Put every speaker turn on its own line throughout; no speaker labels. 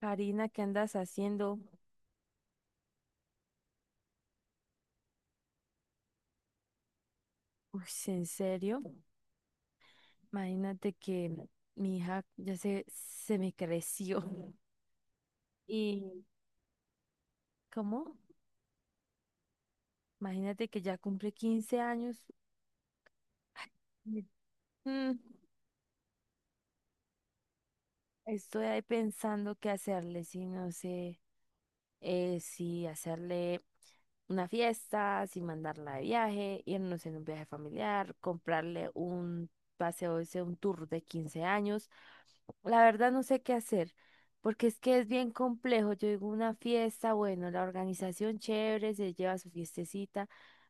Karina, ¿qué andas haciendo? Uy, sí, ¿en serio? Imagínate que mi hija ya se me creció. ¿Y cómo? Imagínate que ya cumple 15 años. Y, mm, estoy ahí pensando qué hacerle, si no sé si hacerle una fiesta, sin mandarla de viaje, irnos en un viaje familiar, comprarle un paseo, ese un tour de 15 años. La verdad no sé qué hacer, porque es que es bien complejo. Yo digo una fiesta, bueno, la organización chévere, se lleva su fiestecita.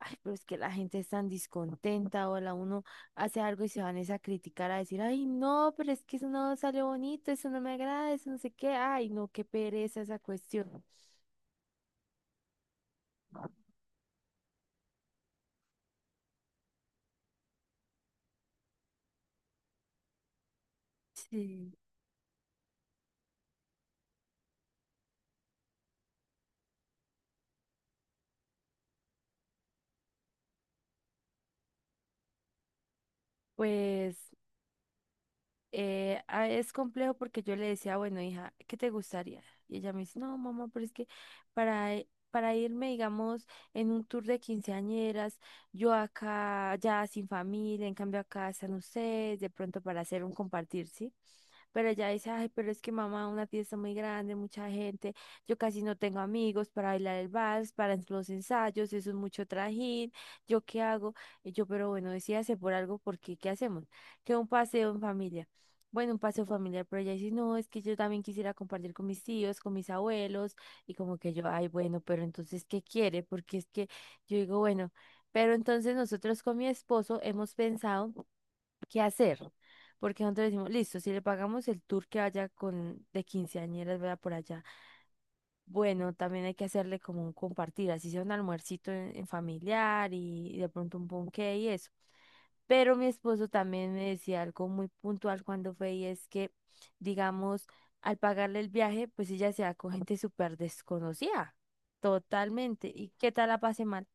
Ay, pero es que la gente es tan descontenta, o la uno hace algo y se van es a criticar, a decir, ay, no, pero es que eso no salió bonito, eso no me agrada, eso no sé qué, ay, no, qué pereza esa cuestión. Sí. Pues es complejo porque yo le decía, bueno, hija, ¿qué te gustaría? Y ella me dice, no, mamá, pero es que para irme, digamos, en un tour de quinceañeras, yo acá ya sin familia, en cambio acá están ustedes, de pronto para hacer un compartir, ¿sí? Pero ella dice, ay, pero es que mamá, una fiesta muy grande, mucha gente, yo casi no tengo amigos para bailar el vals, para los ensayos, eso es mucho trajín, ¿yo qué hago? Y yo, pero bueno, decídase por algo, porque ¿qué hacemos? Que un paseo en familia. Bueno, un paseo familiar, pero ella dice, no, es que yo también quisiera compartir con mis tíos, con mis abuelos, y como que yo, ay, bueno, pero entonces, ¿qué quiere? Porque es que yo digo, bueno, pero entonces nosotros con mi esposo hemos pensado qué hacer. Porque nosotros decimos, listo, si le pagamos el tour que vaya con de quinceañeras, vaya por allá. Bueno, también hay que hacerle como un compartir, así sea un almuercito en familiar y de pronto un ponqué y eso. Pero mi esposo también me decía algo muy puntual cuando fue y es que, digamos, al pagarle el viaje, pues ella se va con gente súper desconocida, totalmente. ¿Y qué tal la pase mal?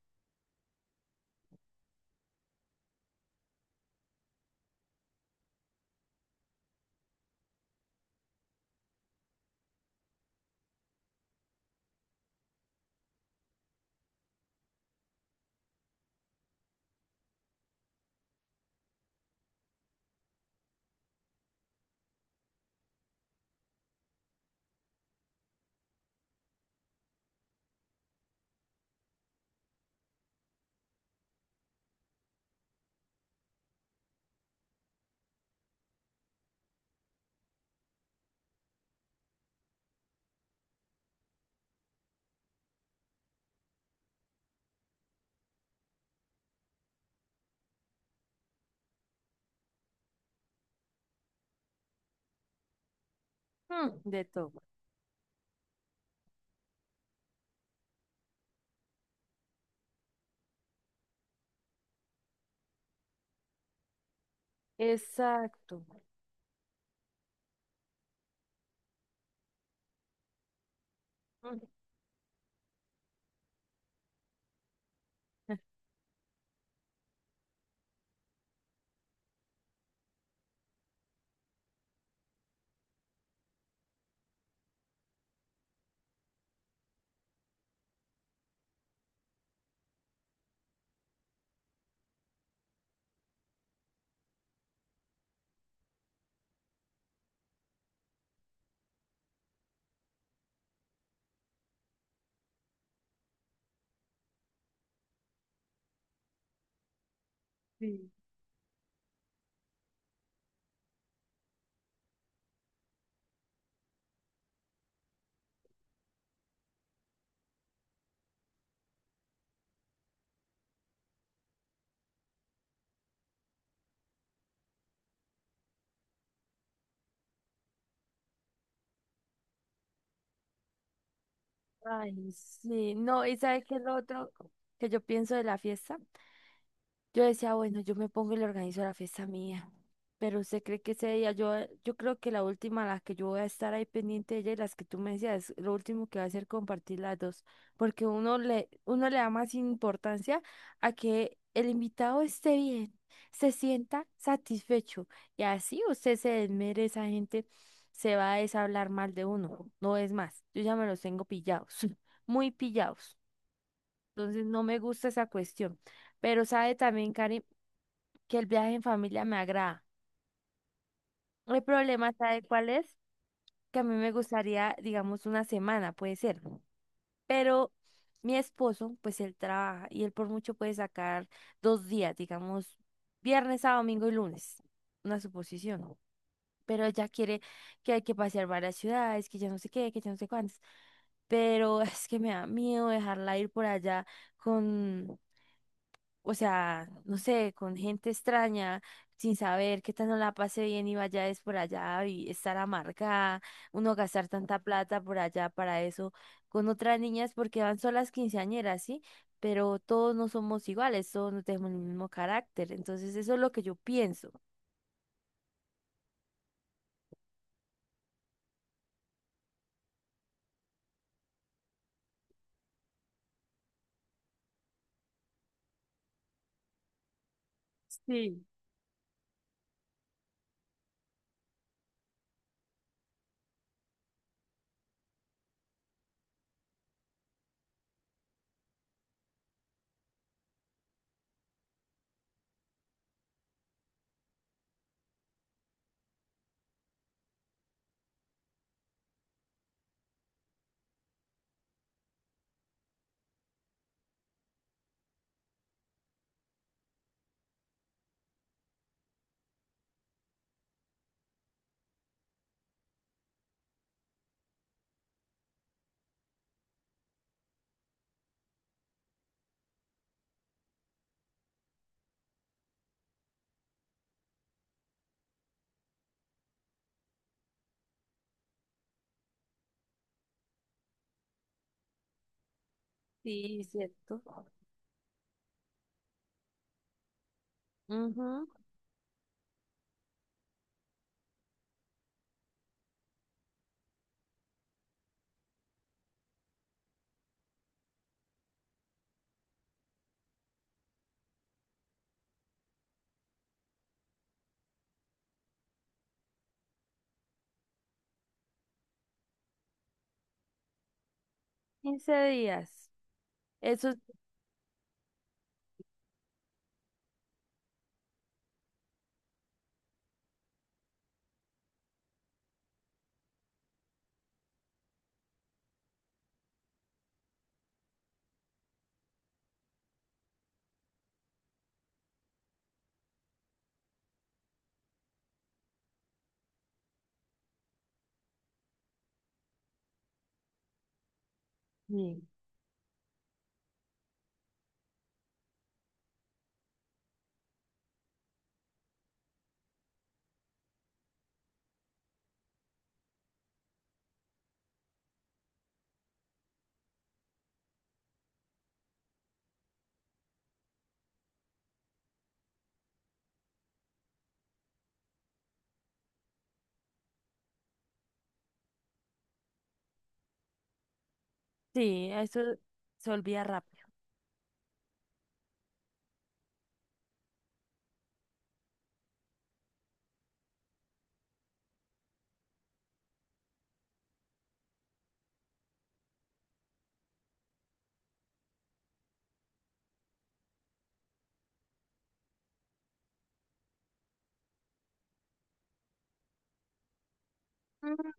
Mm, de todo. Exacto. Mm. Sí. Ay, sí, no, ¿y sabes qué es lo otro que yo pienso de la fiesta? Yo decía, bueno, yo me pongo y le organizo la fiesta mía. Pero usted cree que ese día, yo creo que la última, a la que yo voy a estar ahí pendiente de ella y las que tú me decías, lo último que va a hacer compartir las dos, porque uno le da más importancia a que el invitado esté bien, se sienta satisfecho y así usted se desmere, esa gente se va a deshablar mal de uno, no es más, yo ya me los tengo pillados, muy pillados, entonces no me gusta esa cuestión. Pero sabe también, Karim, que el viaje en familia me agrada. El problema, ¿sabe cuál es? Que a mí me gustaría, digamos, una semana, puede ser. Pero mi esposo, pues él trabaja y él por mucho puede sacar 2 días, digamos, viernes a domingo y lunes. Una suposición. Pero ella quiere que hay que pasear varias ciudades, que ya no sé qué, que ya no sé cuántas. Pero es que me da miedo dejarla ir por allá con, o sea, no sé, con gente extraña, sin saber qué tal no la pase bien y vaya es por allá y estar amargada, uno gastar tanta plata por allá para eso, con otras niñas porque van solas quinceañeras, ¿sí? Pero todos no somos iguales, todos no tenemos el mismo carácter, entonces eso es lo que yo pienso. Sí, sí, cierto. Ujú, 15 días. Eso, sí. Sí, eso se olvida rápido. Mm.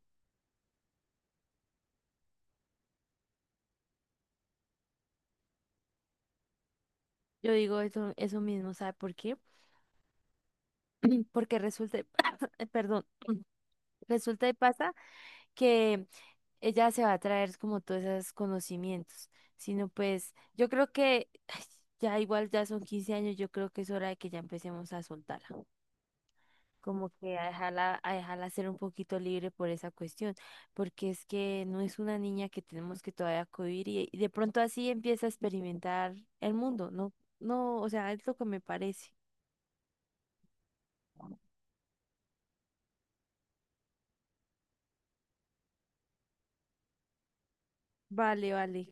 Yo digo eso mismo, ¿sabe por qué? Porque resulta, perdón, resulta y pasa que ella se va a traer como todos esos conocimientos, sino pues yo creo que ay, ya igual ya son 15 años, yo creo que es hora de que ya empecemos a soltarla, como que a dejarla ser un poquito libre por esa cuestión, porque es que no es una niña que tenemos que todavía cohibir y de pronto así empieza a experimentar el mundo, ¿no? No, o sea, es lo que me parece. Vale, vale.